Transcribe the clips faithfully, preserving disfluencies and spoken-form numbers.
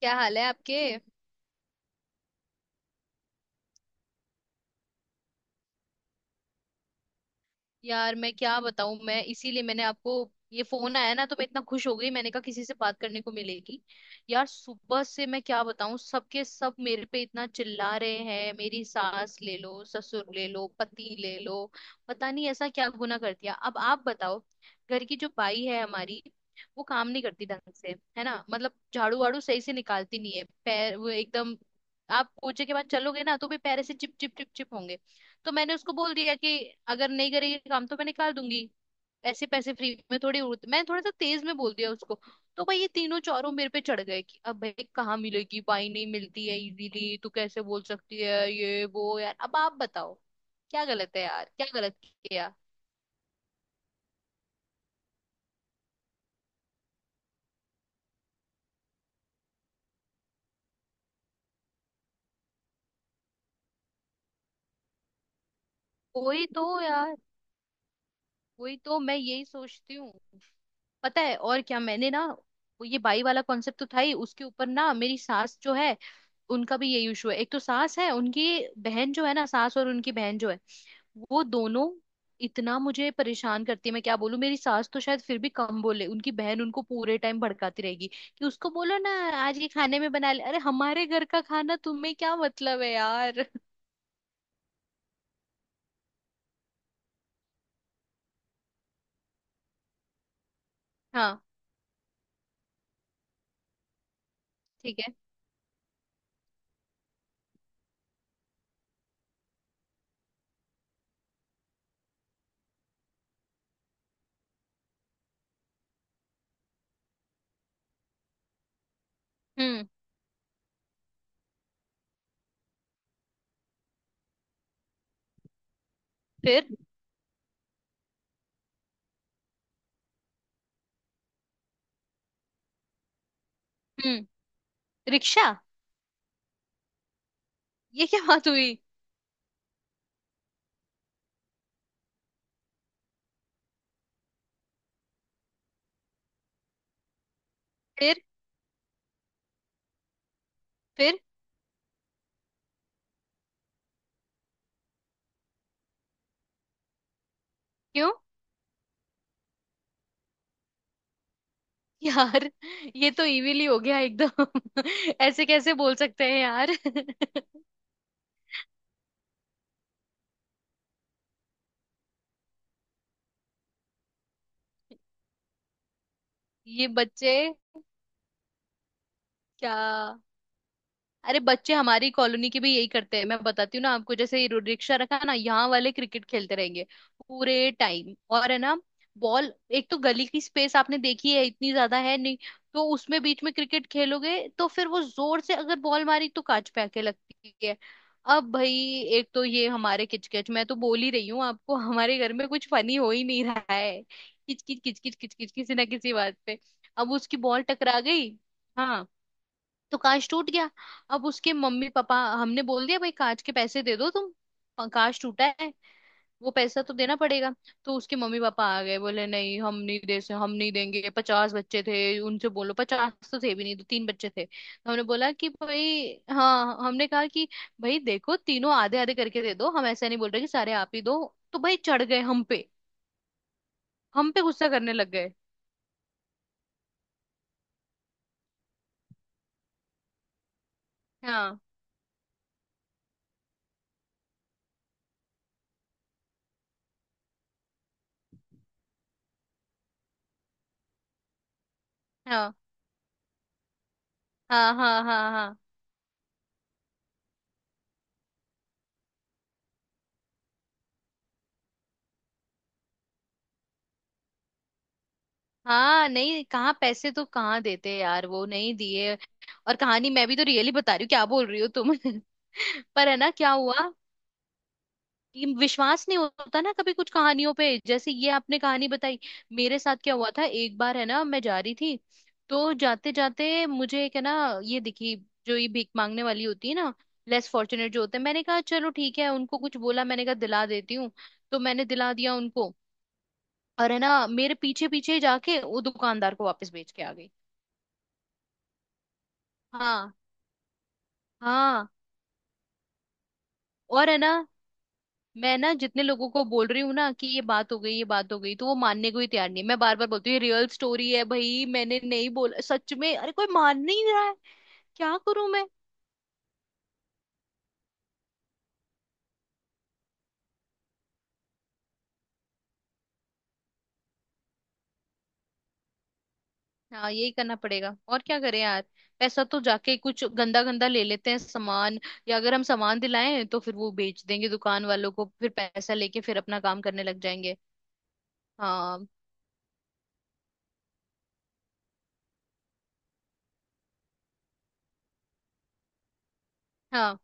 क्या हाल है आपके। यार मैं क्या बताऊं, मैं इसीलिए, मैंने आपको, ये फोन आया ना तो मैं इतना खुश हो गई, मैंने कहा किसी से बात करने को मिलेगी। यार सुबह से मैं क्या बताऊं, सबके सब मेरे पे इतना चिल्ला रहे हैं। मेरी सास ले लो, ससुर ले लो, पति ले लो। पता नहीं ऐसा क्या गुनाह कर दिया। अब आप बताओ, घर की जो बाई है हमारी, वो काम नहीं करती ढंग से, है ना। मतलब झाड़ू वाड़ू सही से निकालती नहीं है, पैर वो एकदम, आप पोछे के बाद चलोगे ना तो भी पैर ऐसे चिप चिप चिप चिप होंगे। तो मैंने उसको बोल दिया कि अगर नहीं करेगी काम तो मैं निकाल दूंगी। ऐसे पैसे फ्री में थोड़ी उड़ते। मैंने थोड़ा सा तेज में बोल दिया उसको। तो भाई ये तीनों चारों मेरे पे चढ़ गए कि अब भाई कहाँ मिलेगी, भाई नहीं मिलती है इजीली, तू कैसे बोल सकती है ये वो। यार अब आप बताओ क्या गलत है, यार क्या गलत किया। वही तो यार, वही तो मैं यही सोचती हूँ। पता है और क्या, मैंने ना वो ये बाई वाला कॉन्सेप्ट तो था ही, उसके ऊपर ना मेरी सास जो है, उनका भी ये इशू है। एक तो सास है, उनकी बहन जो है ना, सास और उनकी बहन जो है, वो दोनों इतना मुझे परेशान करती है। मैं क्या बोलूं, मेरी सास तो शायद फिर भी कम बोले, उनकी बहन उनको पूरे टाइम भड़काती रहेगी कि उसको बोलो ना आज ये खाने में बना ले। अरे हमारे घर का खाना, तुम्हें क्या मतलब है यार। हाँ। ठीक है। हम्म। फिर। हम्म। रिक्शा। ये क्या बात हुई। फिर। फिर। क्यों। यार ये तो इविल ही हो गया एकदम। ऐसे कैसे बोल सकते हैं यार। ये बच्चे। क्या। अरे बच्चे हमारी कॉलोनी के भी यही करते हैं, मैं बताती हूँ ना आपको। जैसे ये रिक्शा रखा है ना, यहाँ वाले क्रिकेट खेलते रहेंगे पूरे टाइम। और है ना, बॉल, एक तो गली की स्पेस आपने देखी है, इतनी ज्यादा है नहीं। तो उसमें बीच में क्रिकेट खेलोगे तो फिर वो जोर से अगर बॉल मारी तो कांच पे आके लगती है। अब भाई, एक तो ये हमारे किचकिच, मैं तो बोल ही रही हूँ आपको हमारे घर में कुछ फनी हो ही नहीं रहा है। किचकिच किचकिच किचकिच किसी ना किसी बात पे। अब उसकी बॉल टकरा गई। हाँ। तो कांच टूट गया। अब उसके मम्मी पापा, हमने बोल दिया भाई कांच के पैसे दे दो तुम। प- कांच टूटा है, वो पैसा तो देना पड़ेगा। तो उसके मम्मी पापा आ गए, बोले नहीं हम नहीं दे से, हम नहीं देंगे, पचास बच्चे थे, उनसे बोलो। पचास तो थे भी नहीं, तो तीन बच्चे थे। तो हमने बोला कि भाई, हाँ हमने कहा कि भाई देखो तीनों आधे आधे करके दे दो, हम ऐसा नहीं बोल रहे कि सारे आप ही दो। तो भाई चढ़ गए हम पे, हम पे गुस्सा करने लग गए। हाँ, हाँ, हाँ, हाँ, हाँ, हाँ, हाँ। नहीं कहाँ, पैसे तो कहाँ देते यार, वो नहीं दिए। और कहानी मैं भी तो रियली बता रही हूँ, क्या बोल रही हो तुम। पर है ना, क्या हुआ कि विश्वास नहीं होता ना कभी कुछ कहानियों पे, जैसे ये आपने कहानी बताई, मेरे साथ क्या हुआ था एक बार, है ना। मैं जा रही थी, तो जाते जाते मुझे एक, है ना, ये दिखी, जो ये भीख मांगने वाली होती है ना, लेस फॉर्चुनेट जो होते हैं। मैंने कहा चलो ठीक है, उनको कुछ बोला, मैंने कहा दिला देती हूँ। तो मैंने दिला दिया उनको, और है ना, मेरे पीछे पीछे जाके वो दुकानदार को वापस बेच के आ गई। हाँ। हाँ। और है ना, मैं ना जितने लोगों को बोल रही हूँ ना कि ये बात हो गई ये बात हो गई, तो वो मानने को ही तैयार नहीं है। मैं बार बार बोलती हूँ ये रियल स्टोरी है भाई, मैंने नहीं बोला सच में, अरे कोई मान नहीं रहा है। क्या करूं मैं। हाँ यही करना पड़ेगा, और क्या करें यार। पैसा तो जाके कुछ गंदा गंदा ले लेते हैं सामान, या अगर हम सामान दिलाएं तो फिर वो बेच देंगे दुकान वालों को, फिर पैसा लेके फिर अपना काम करने लग जाएंगे। हाँ। हाँ।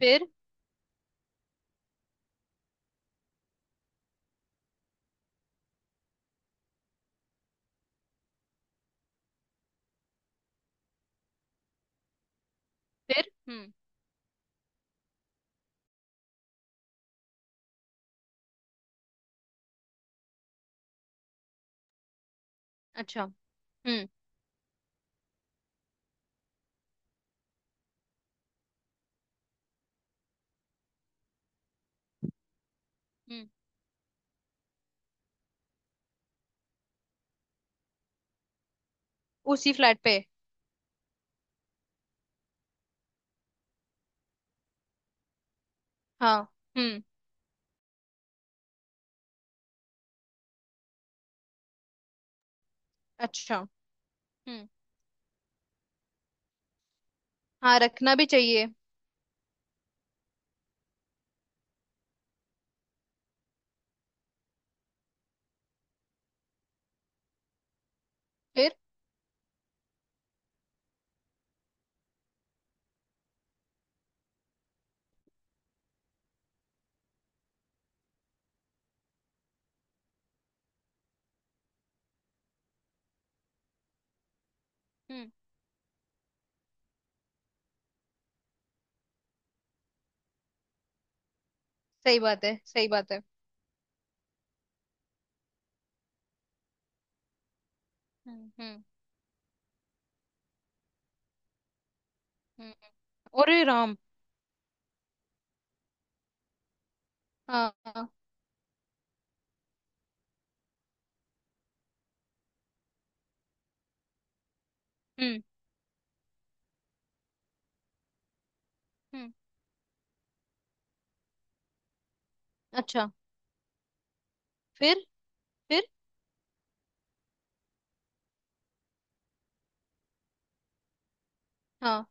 फिर। फिर। हम्म। अच्छा। हम्म। हम्म। उसी फ्लैट पे। हाँ। हम्म। अच्छा। हम्म। हाँ रखना भी चाहिए। फिर। हम्म। सही बात है, सही बात है। हम्म। हम्म। हम्म। अरे राम। हाँ। हाँ। हम्म। हम्म। अच्छा। फिर। फिर। हाँ।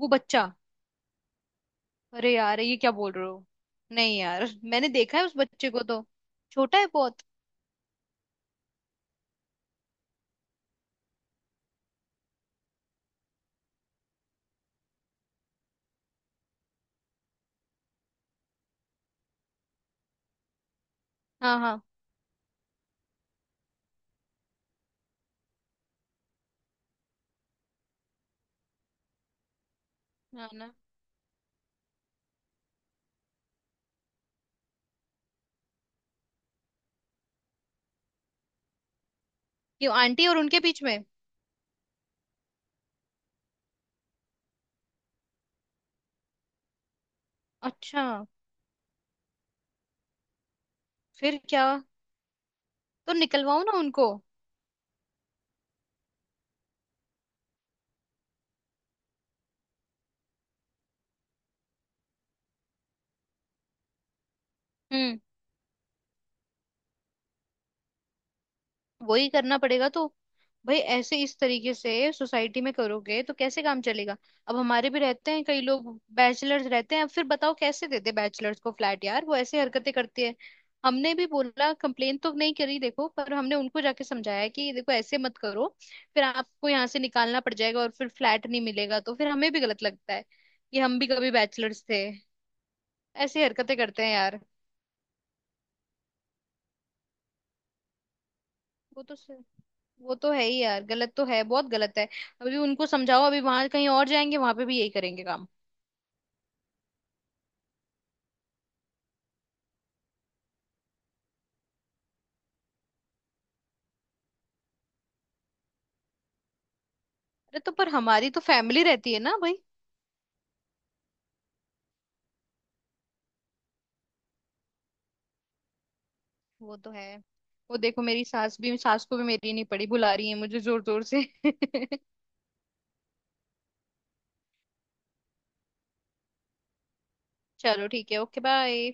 वो बच्चा। अरे यार ये क्या बोल रहे हो, नहीं यार मैंने देखा है उस बच्चे को तो, छोटा है बहुत। हाँ। हाँ। हाँ ना। क्यों आंटी और उनके बीच में। अच्छा। फिर क्या। तो निकलवाओ ना उनको। वही करना पड़ेगा तो। भाई ऐसे इस तरीके से सोसाइटी में करोगे तो कैसे काम चलेगा। अब हमारे भी रहते हैं कई लोग, बैचलर्स रहते हैं। अब फिर बताओ कैसे देते बैचलर्स को फ्लैट, यार वो ऐसे हरकतें करती है। हमने भी बोला, कंप्लेन तो नहीं करी देखो, पर हमने उनको जाके समझाया कि देखो ऐसे मत करो, फिर आपको यहाँ से निकालना पड़ जाएगा और फिर फ्लैट नहीं मिलेगा, तो फिर हमें भी गलत लगता है कि हम भी कभी बैचलर्स थे। ऐसे हरकतें करते हैं यार। वो तो, वो तो है ही यार, गलत तो है, बहुत गलत है। अभी उनको समझाओ, अभी वहां कहीं और जाएंगे, वहां पे भी यही करेंगे काम। अरे तो पर हमारी तो फैमिली रहती है ना भाई। वो तो है। वो देखो मेरी सास भी, सास को भी मेरी नहीं पड़ी, बुला रही है मुझे जोर जोर से। चलो ठीक है, ओके बाय।